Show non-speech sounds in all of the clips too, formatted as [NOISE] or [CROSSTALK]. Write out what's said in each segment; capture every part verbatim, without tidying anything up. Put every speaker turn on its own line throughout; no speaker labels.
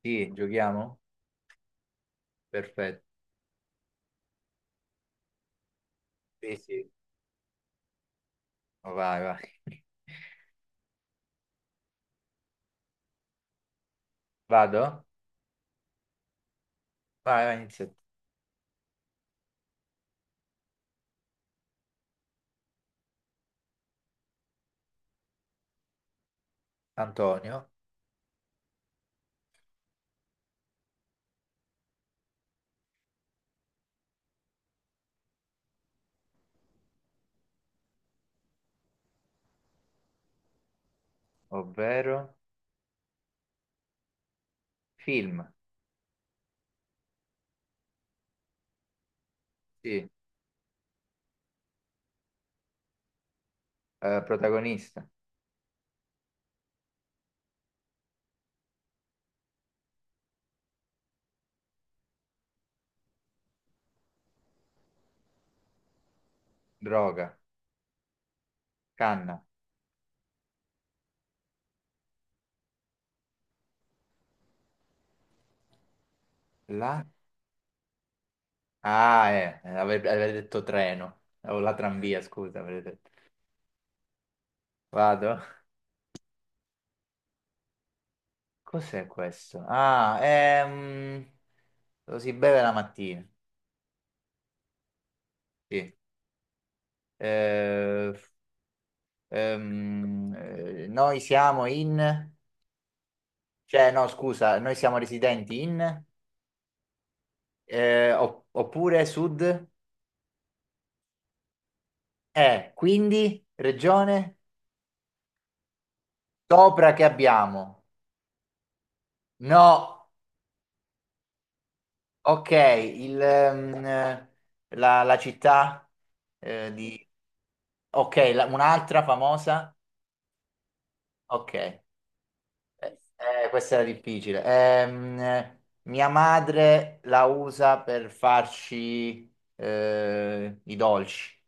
Sì, giochiamo? Perfetto. Sì, sì. Vai, vai. Vado? Vai, vai, inizia. Antonio, ovvero film. Sì. Eh, protagonista. Droga. Canna. La? Ah, eh, ave- avevo detto treno. O la tramvia, scusa, avevo detto. Vado? Cos'è questo? Ah, ehm... Lo si beve la mattina. Sì. Eh, ehm, eh, noi siamo in... Cioè, no, scusa, noi siamo residenti in, eh, opp- oppure sud, eh, quindi regione sopra che abbiamo. No, ok, il, ehm, eh, la, la città eh, di... Ok, la- un'altra famosa? Ok, eh, eh, questa era difficile. Ehm, eh, mia madre la usa per farci eh, i dolci.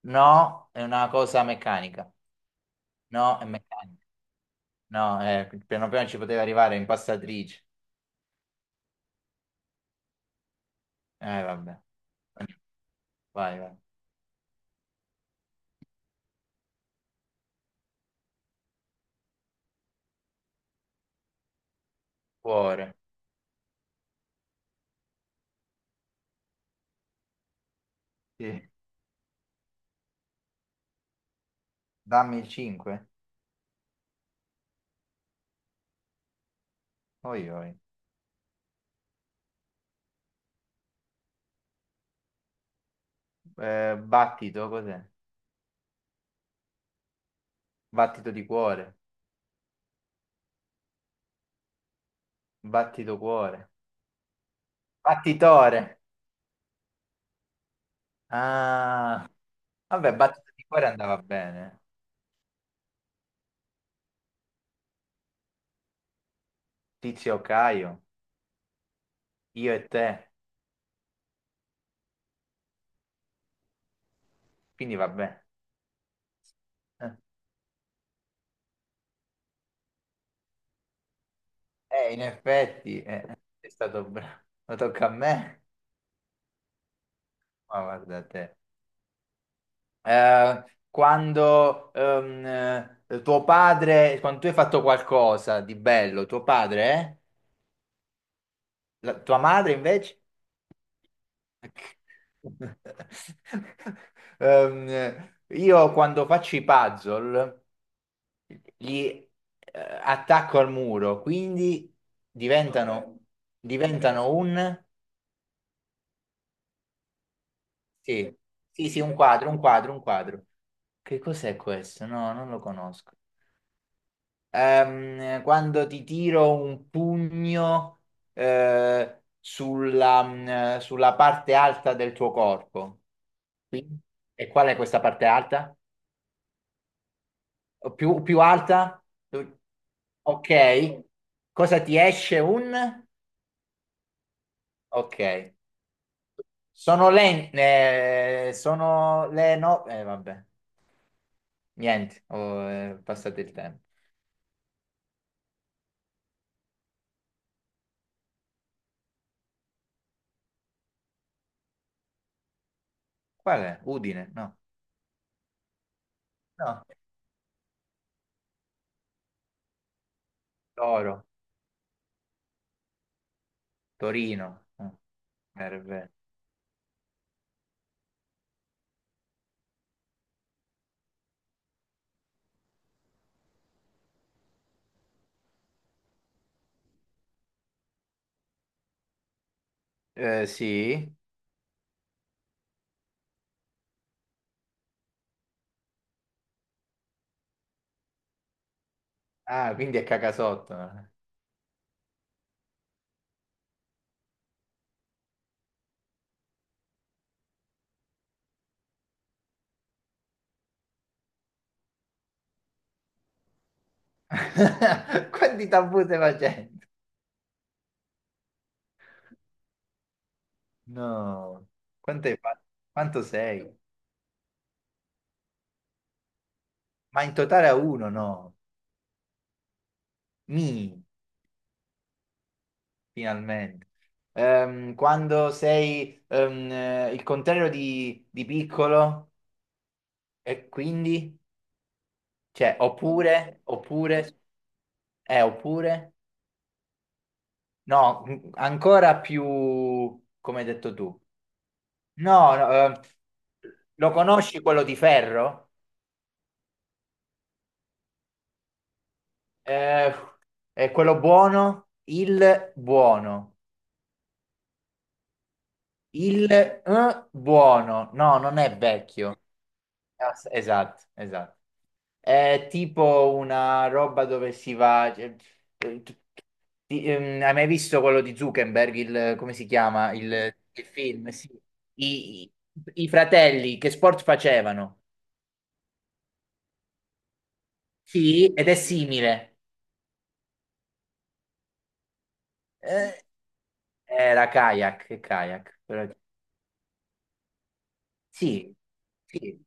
No, è una cosa meccanica. No, è meccanica. No, eh, piano piano ci poteva arrivare impastatrice. Eh, vabbè. Vai, vai. Cuore. Sì. Dammi il cinque. Oi, oi. Eh, battito, cos'è? Battito di cuore. Battito cuore. Battitore. Ah. Vabbè, battito di cuore andava bene. Tizio Caio. Io e te. Quindi vabbè. Eh, eh, in effetti, eh, è stato bravo. Ma tocca a me. Ma guarda te. eh, quando ehm, eh, tuo padre, quando tu hai fatto qualcosa di bello, tuo padre, eh? La- tua madre invece? [LAUGHS] Ehm, io quando faccio i puzzle li eh, attacco al muro, quindi diventano, diventano un... Sì, sì, sì, un quadro, un quadro, un quadro. Che cos'è questo? No, non lo conosco. ehm, quando ti tiro un pugno eh, sulla, mh, sulla parte alta del tuo corpo. Qui? E qual è questa parte alta? O Più, più alta? Tu- Ok. Cosa ti esce? Un? Ok. Sono le... eh, sono le no... Eh, vabbè. Niente, ho eh, passato il tempo. Qual è? Udine? No. No. Toro. Torino. Eh, Nerve. Eh, sì. Ah, quindi è cacasotto. [LAUGHS] Quanti tabù stai facendo? No. Quanto hai fatto? Quanto sei? Ma in totale a uno, no. Mi, finalmente. Ehm, quando sei ehm, eh, il contrario di, di piccolo e quindi, cioè, oppure, oppure, eh, oppure, no, m- ancora più, come hai detto tu. No, no, ehm, lo conosci quello di ferro? Eh, è quello buono? Il buono. Il eh, buono. No, non è vecchio. Es- Esatto, esatto. È tipo una roba dove si va... cioè, eh, t- ti- ehm, hai mai visto quello di Zuckerberg? Il, come si chiama? Il, il film? Sì. I, i- i fratelli che sport facevano? Sì, ed è simile. Eh, era kayak, kayak. Però- Sì, sì.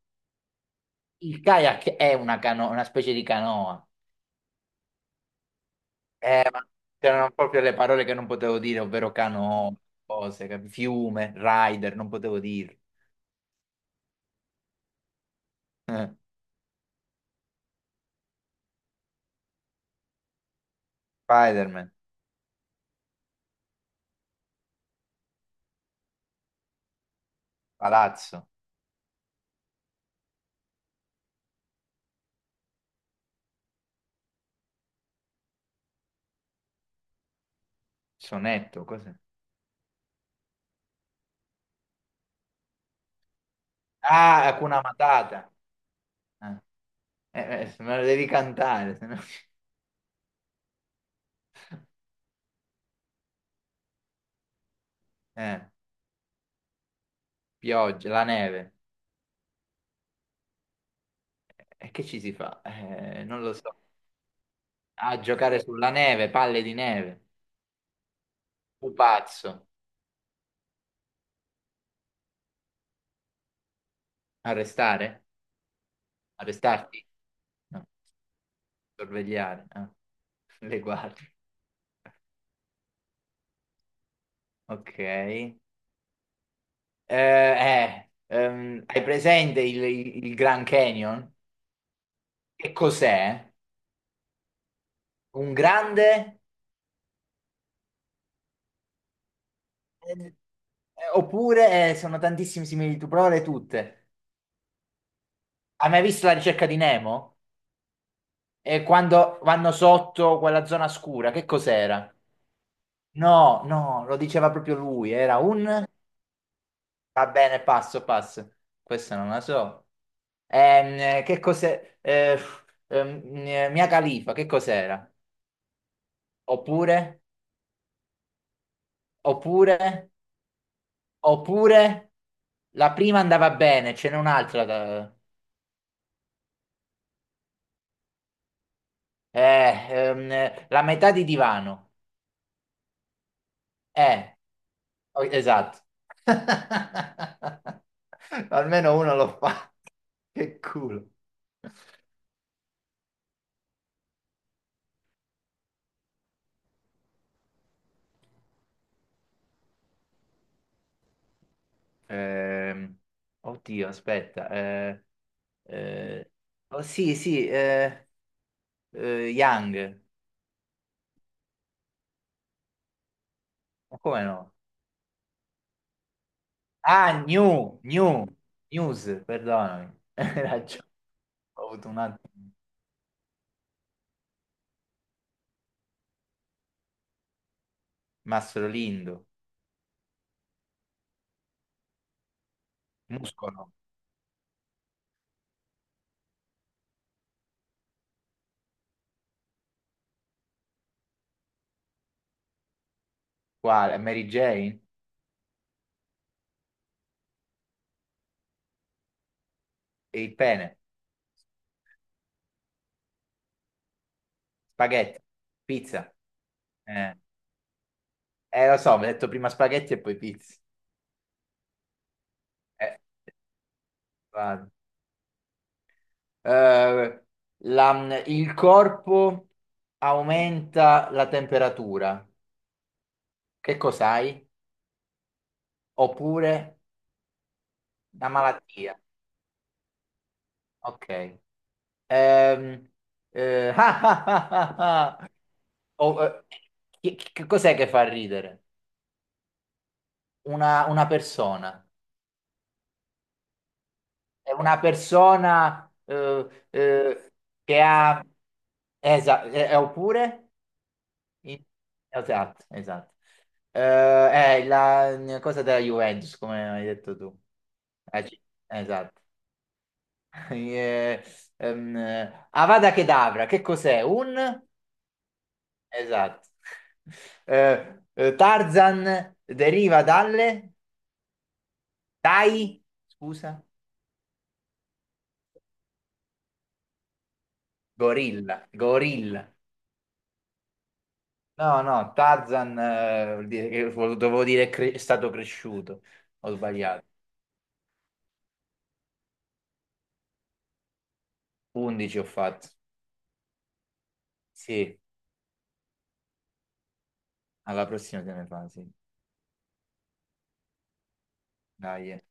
Il kayak è una, cano- una specie di canoa. Eh, ma c'erano proprio le parole che non potevo dire, ovvero canoa, cose, cap- fiume, rider, non potevo dire. Eh, Spider-Man, palazzo, sonetto, cos'è? Ah, Hakuna Matata. Eh, eh, eh, me lo devi cantare, se no- [LAUGHS] Eh, pioggia, la neve. E che ci si fa? Eh, non lo so. A giocare sulla neve, palle di neve. Pupazzo. Arrestare? Arrestarti? No. Sorvegliare, eh. [LAUGHS] Le guardie. Ok. Eh, eh, ehm, hai presente il, il- il Grand Canyon? Che cos'è? Un grande? Eh, oppure eh, sono tantissime similitudini, provale tutte. Hai mai visto la ricerca di Nemo? E quando vanno sotto quella zona scura, che cos'era? No, no, lo diceva proprio lui, era un... Va bene, passo, passo. Questa non la so. Ehm, che cos'è? Eh, ehm, Mia Khalifa, che cos'era? Oppure, oppure, oppure, la prima andava bene, ce n'è un'altra. da- eh, ehm, la metà di divano. Eh, oh, esatto. [LAUGHS] Almeno uno lo fa. Che culo. Ehm, oddio, aspetta. eh, eh, oh, sì, sì, eh, eh, Young. Ma come no? Ah, new, new, news, perdonami. [LAUGHS] Hai ragione, Ho avuto un attimo. Mastro Lindo, muscolo, quale? Mary Jane? E il pene? Spaghetti? Pizza? Eh, eh, lo so, mi hai detto prima spaghetti e poi pizza. Eh, vado. Eh, la- il corpo aumenta la temperatura. Che cos'hai? Oppure una malattia. Ok. Ehm, eh, [LAUGHS] ah, ah, ah, ah. Oh, eh, chi- chi- che cos'è che fa ridere? Una, una persona. È una persona eh, eh, che ha... Esa- eh, eh, oppure... in- Esatto, esatto. Eh, è la cosa della Juventus, come hai detto tu. Eh, ci- Esatto. [LAUGHS] Eh, ehm, eh, Avada Kedavra, che cos'è? Un... Esatto. Eh, eh, Tarzan deriva dalle dai, scusa, gorilla, gorilla. No, no, Tarzan eh, vuol dire che- vo- dovevo dire cre- è stato cresciuto. Ho sbagliato. undici ho fatto. Sì, alla prossima te ne fa, sì. Dai. eh.